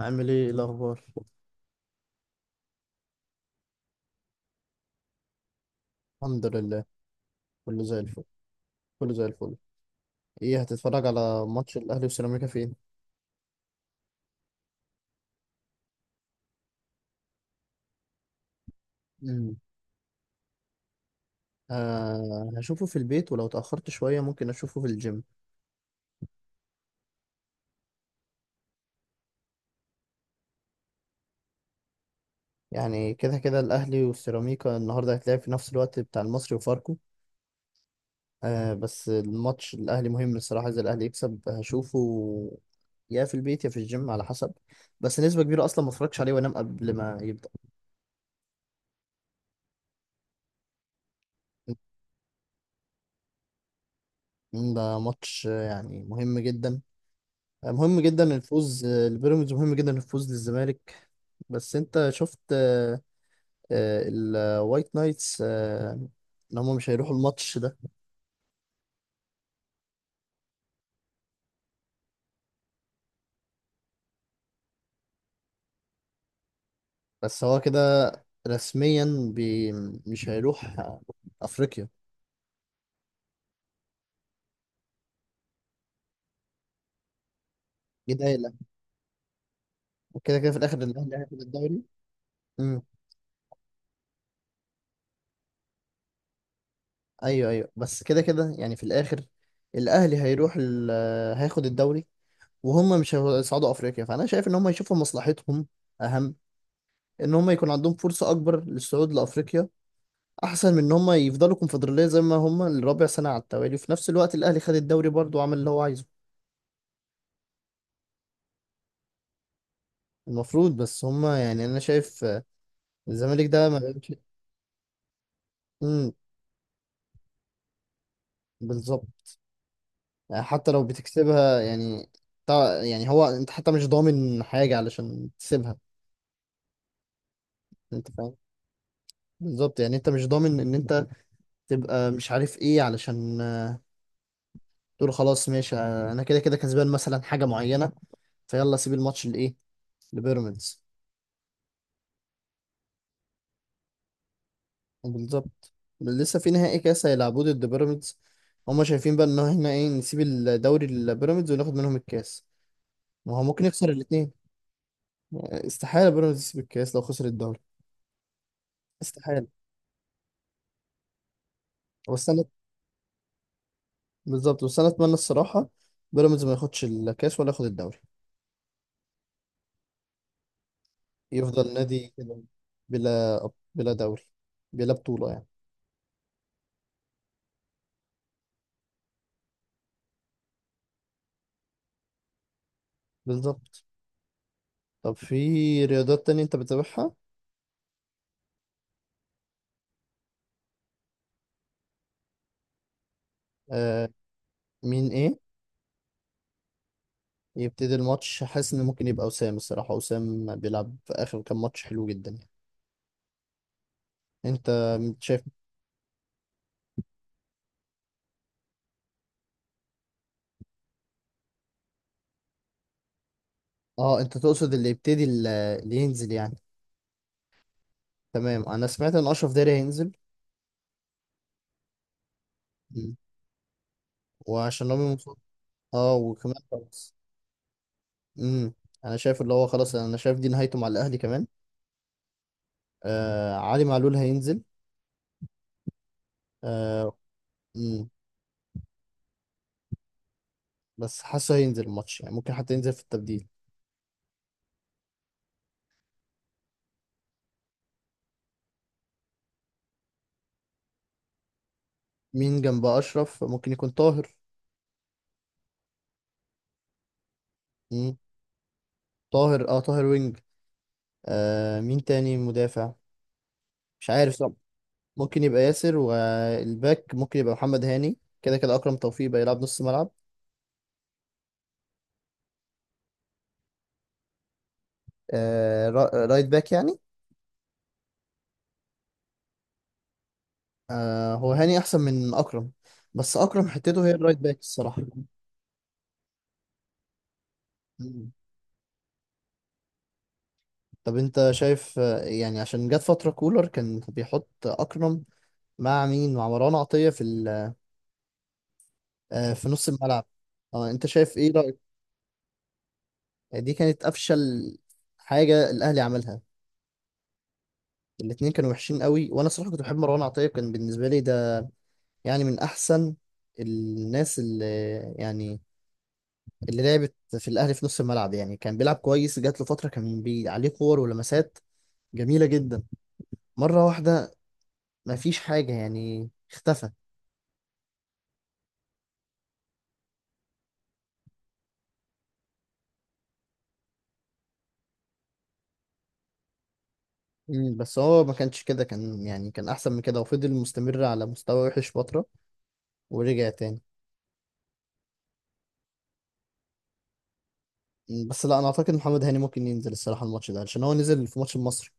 عامل ايه؟ إيه الاخبار؟ الحمد لله، كله زي الفل. كله زي الفل. ايه، هتتفرج على ماتش الاهلي وسيراميكا فين؟ مم. آه، هشوفه في البيت، ولو اتاخرت شويه ممكن اشوفه في الجيم. يعني كده كده الاهلي والسيراميكا النهارده هيتلعب في نفس الوقت بتاع المصري وفاركو. آه، بس الماتش الاهلي مهم الصراحه، اذا الاهلي يكسب هشوفه، يا في البيت يا في الجيم على حسب. بس نسبه كبيره اصلا ما اتفرجش عليه وانام قبل ما يبدا. مم، ده ماتش يعني مهم جدا. مهم جدا الفوز البيراميدز، مهم جدا الفوز للزمالك. بس انت شفت الوايت نايتس ان هم مش هيروحوا الماتش ده. بس هو كده رسميا، بي مش هيروح افريقيا. دي نايله، وكده كده في الاخر الاهلي هياخد الدوري. امم. ايوه ايوه، بس كده كده يعني في الاخر الاهلي هيروح ال... آه، هياخد الدوري، وهم مش هيصعدوا افريقيا. فانا شايف ان هم يشوفوا مصلحتهم، اهم ان هم يكون عندهم فرصه اكبر للصعود لافريقيا، احسن من ان هم يفضلوا كونفدراليه زي ما هم الرابع سنه على التوالي، وفي نفس الوقت الاهلي خد الدوري برضه وعمل اللي هو عايزه. المفروض، بس هم يعني انا شايف الزمالك ده ما بقتش. امم. بالظبط، يعني حتى لو بتكسبها يعني. يعني هو انت حتى مش ضامن حاجه علشان تسيبها. انت فاهم؟ بالظبط، يعني انت مش ضامن ان انت تبقى مش عارف ايه، علشان تقول خلاص ماشي انا كده كده كسبان مثلا حاجه معينه، فيلا سيب الماتش لايه؟ لبيراميدز. بالظبط. لسه في نهائي كاس هيلعبوه ضد بيراميدز، هما شايفين بقى ان احنا ايه، نسيب الدوري لبيراميدز وناخد منهم الكاس؟ ما هو ممكن يخسر الاثنين. استحاله بيراميدز يسيب الكاس لو خسر الدوري. استحاله. بس انا، بالظبط بس انا اتمنى الصراحه بيراميدز ما ياخدش الكاس ولا ياخد الدوري. يفضل نادي كده، بلا دوري، بلا بطوله يعني. بالظبط. طب، في رياضات تانية انت بتتابعها؟ آه. مين ايه؟ يبتدي الماتش، حاسس ان ممكن يبقى وسام الصراحه. وسام بيلعب في اخر كام ماتش حلو جدا يعني. انت شايف؟ اه، انت تقصد اللي يبتدي اللي ينزل يعني؟ تمام، انا سمعت ان اشرف داري هينزل. مم. وعشان رامي مصطفى. اه، وكمان خلاص. امم. انا شايف اللي هو خلاص، انا شايف دي نهايته مع الاهلي كمان. آه، علي معلول هينزل. آه. امم. بس حاسه هينزل الماتش يعني، ممكن حتى ينزل في التبديل. مين جنب اشرف؟ ممكن يكون طاهر. امم. طاهر، طاهر وينج. مين تاني مدافع؟ مش عارف. طب ممكن يبقى ياسر، والباك ممكن يبقى محمد هاني، كده كده أكرم توفيق بقى يلعب نص ملعب. آه، رايت باك يعني. آه، هو هاني أحسن من أكرم، بس أكرم حتته هي الرايت باك الصراحة. مم. طب، أنت شايف يعني عشان جت فترة كولر كان بيحط أكرم مع مين؟ مع مروان عطية في نص الملعب. اه، أنت شايف إيه رأيك؟ دي كانت أفشل حاجة الأهلي عملها. الاتنين كانوا وحشين قوي، وأنا صراحة كنت بحب مروان عطية، كان بالنسبة لي ده يعني من احسن الناس اللي يعني اللي لعبت في الاهلي في نص الملعب يعني. كان بيلعب كويس، جات له فتره كان بي عليه كور ولمسات جميله جدا. مره واحده ما فيش حاجه، يعني اختفى. مم، بس هو ما كانش كده، كان يعني كان احسن من كده، وفضل مستمر على مستوى وحش فتره ورجع تاني. مم، بس لا، انا اعتقد محمد هاني ممكن ينزل الصراحه الماتش ده عشان هو نزل في ماتش المصري.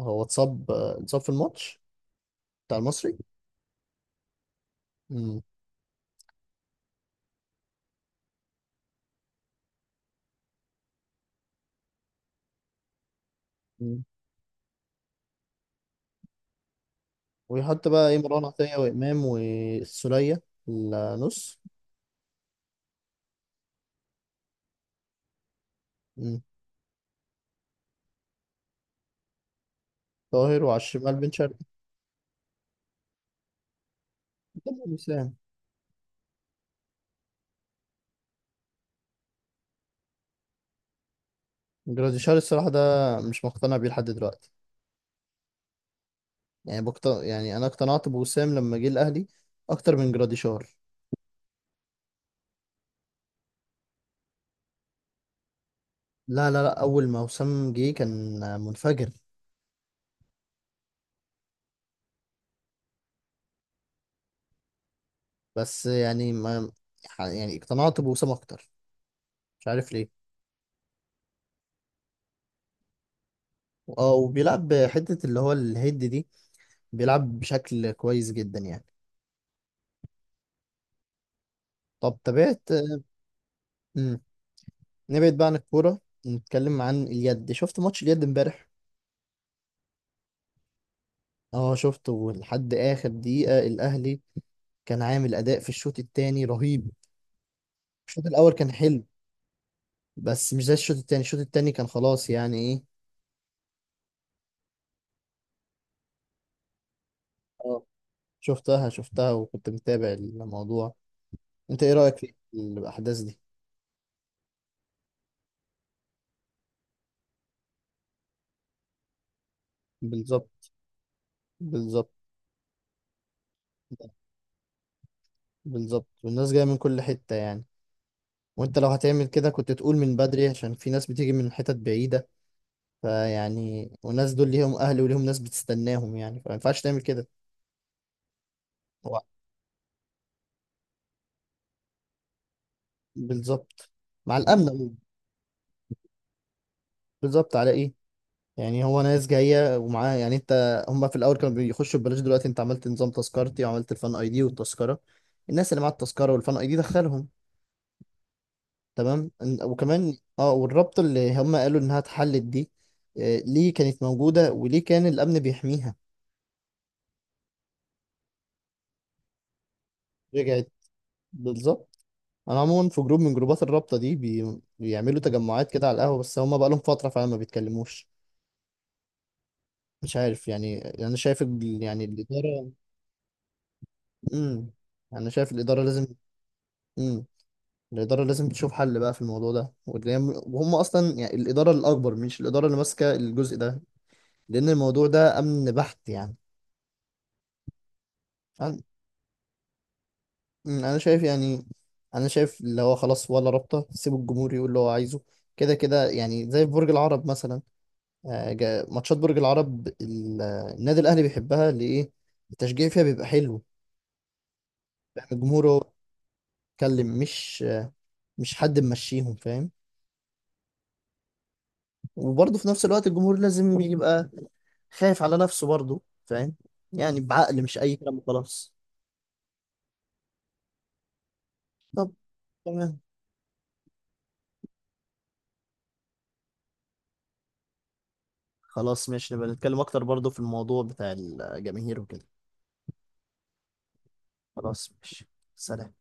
هو اتصاب في الماتش بتاع المصري. مم. ويحط بقى ايه؟ مروان عطية وإمام والسولية النص. مم. طاهر، وعلى الشمال بن شرقي. قدامهم وسام. جراديشار الصراحة ده مش مقتنع بيه لحد دلوقتي. يعني يعني أنا اقتنعت بوسام لما جه الأهلي أكتر من جراديشار. لا لا لا، أول ما وسام جه كان منفجر. بس يعني ما، يعني اقتنعت بوسام أكتر، مش عارف ليه. اه، وبيلعب حتة اللي هو الهيد دي، بيلعب بشكل كويس جدا يعني. طب تابعت، نبعد بقى عن الكورة، نتكلم عن اليد. شفت ماتش اليد امبارح؟ اه، شفته لحد آخر دقيقة. الأهلي كان عامل أداء في الشوط التاني رهيب. الشوط الأول كان حلو بس مش زي الشوط التاني. الشوط التاني كان خلاص يعني إيه. اه، شفتها شفتها وكنت متابع الموضوع. أنت إيه رأيك في الأحداث دي؟ بالظبط، بالظبط، بالظبط، والناس جاية من كل حتة يعني. وأنت لو هتعمل كده كنت تقول من بدري، عشان في ناس بتيجي من حتت بعيدة، فيعني والناس دول ليهم اهل وليهم ناس بتستناهم يعني، فما ينفعش تعمل كده. هو بالظبط، مع الامن عموماً. بالظبط على ايه؟ يعني هو ناس جايه ومعاها يعني، انت هم في الاول كانوا بيخشوا ببلاش، دلوقتي انت عملت نظام تذكرتي، وعملت الفان اي دي والتذكره. الناس اللي معاها التذكره والفان اي دي دخلهم، تمام. وكمان والرابطه اللي هم قالوا انها اتحلت دي ليه كانت موجوده وليه كان الامن بيحميها؟ رجعت. بالظبط. انا عموما في جروب من جروبات الرابطه دي، بيعملوا تجمعات كده على القهوه، بس هما بقالهم فتره فعلا ما بيتكلموش. مش عارف يعني، انا شايف يعني الاداره. امم. انا شايف الاداره لازم. امم. الاداره لازم تشوف حل بقى في الموضوع ده، وهم اصلا يعني الاداره الاكبر، مش الاداره اللي ماسكه الجزء ده، لان الموضوع ده امن بحت يعني. انا أمم، أنا شايف يعني، انا شايف اللي هو خلاص ولا رابطه، سيبوا الجمهور يقول اللي هو عايزه. كده كده يعني، زي في برج العرب مثلا. ماتشات برج العرب النادي الاهلي بيحبها ليه؟ التشجيع فيها بيبقى حلو. فاهم؟ الجمهور هو بيتكلم، مش حد ممشيهم فاهم. وبرضه في نفس الوقت الجمهور لازم يبقى خايف على نفسه برضه فاهم، يعني بعقل، مش اي كلام خلاص. طب تمام. خلاص ماشي، نبقى نتكلم اكتر برضه في الموضوع بتاع الجماهير وكده. خلاص ماشي. سلام.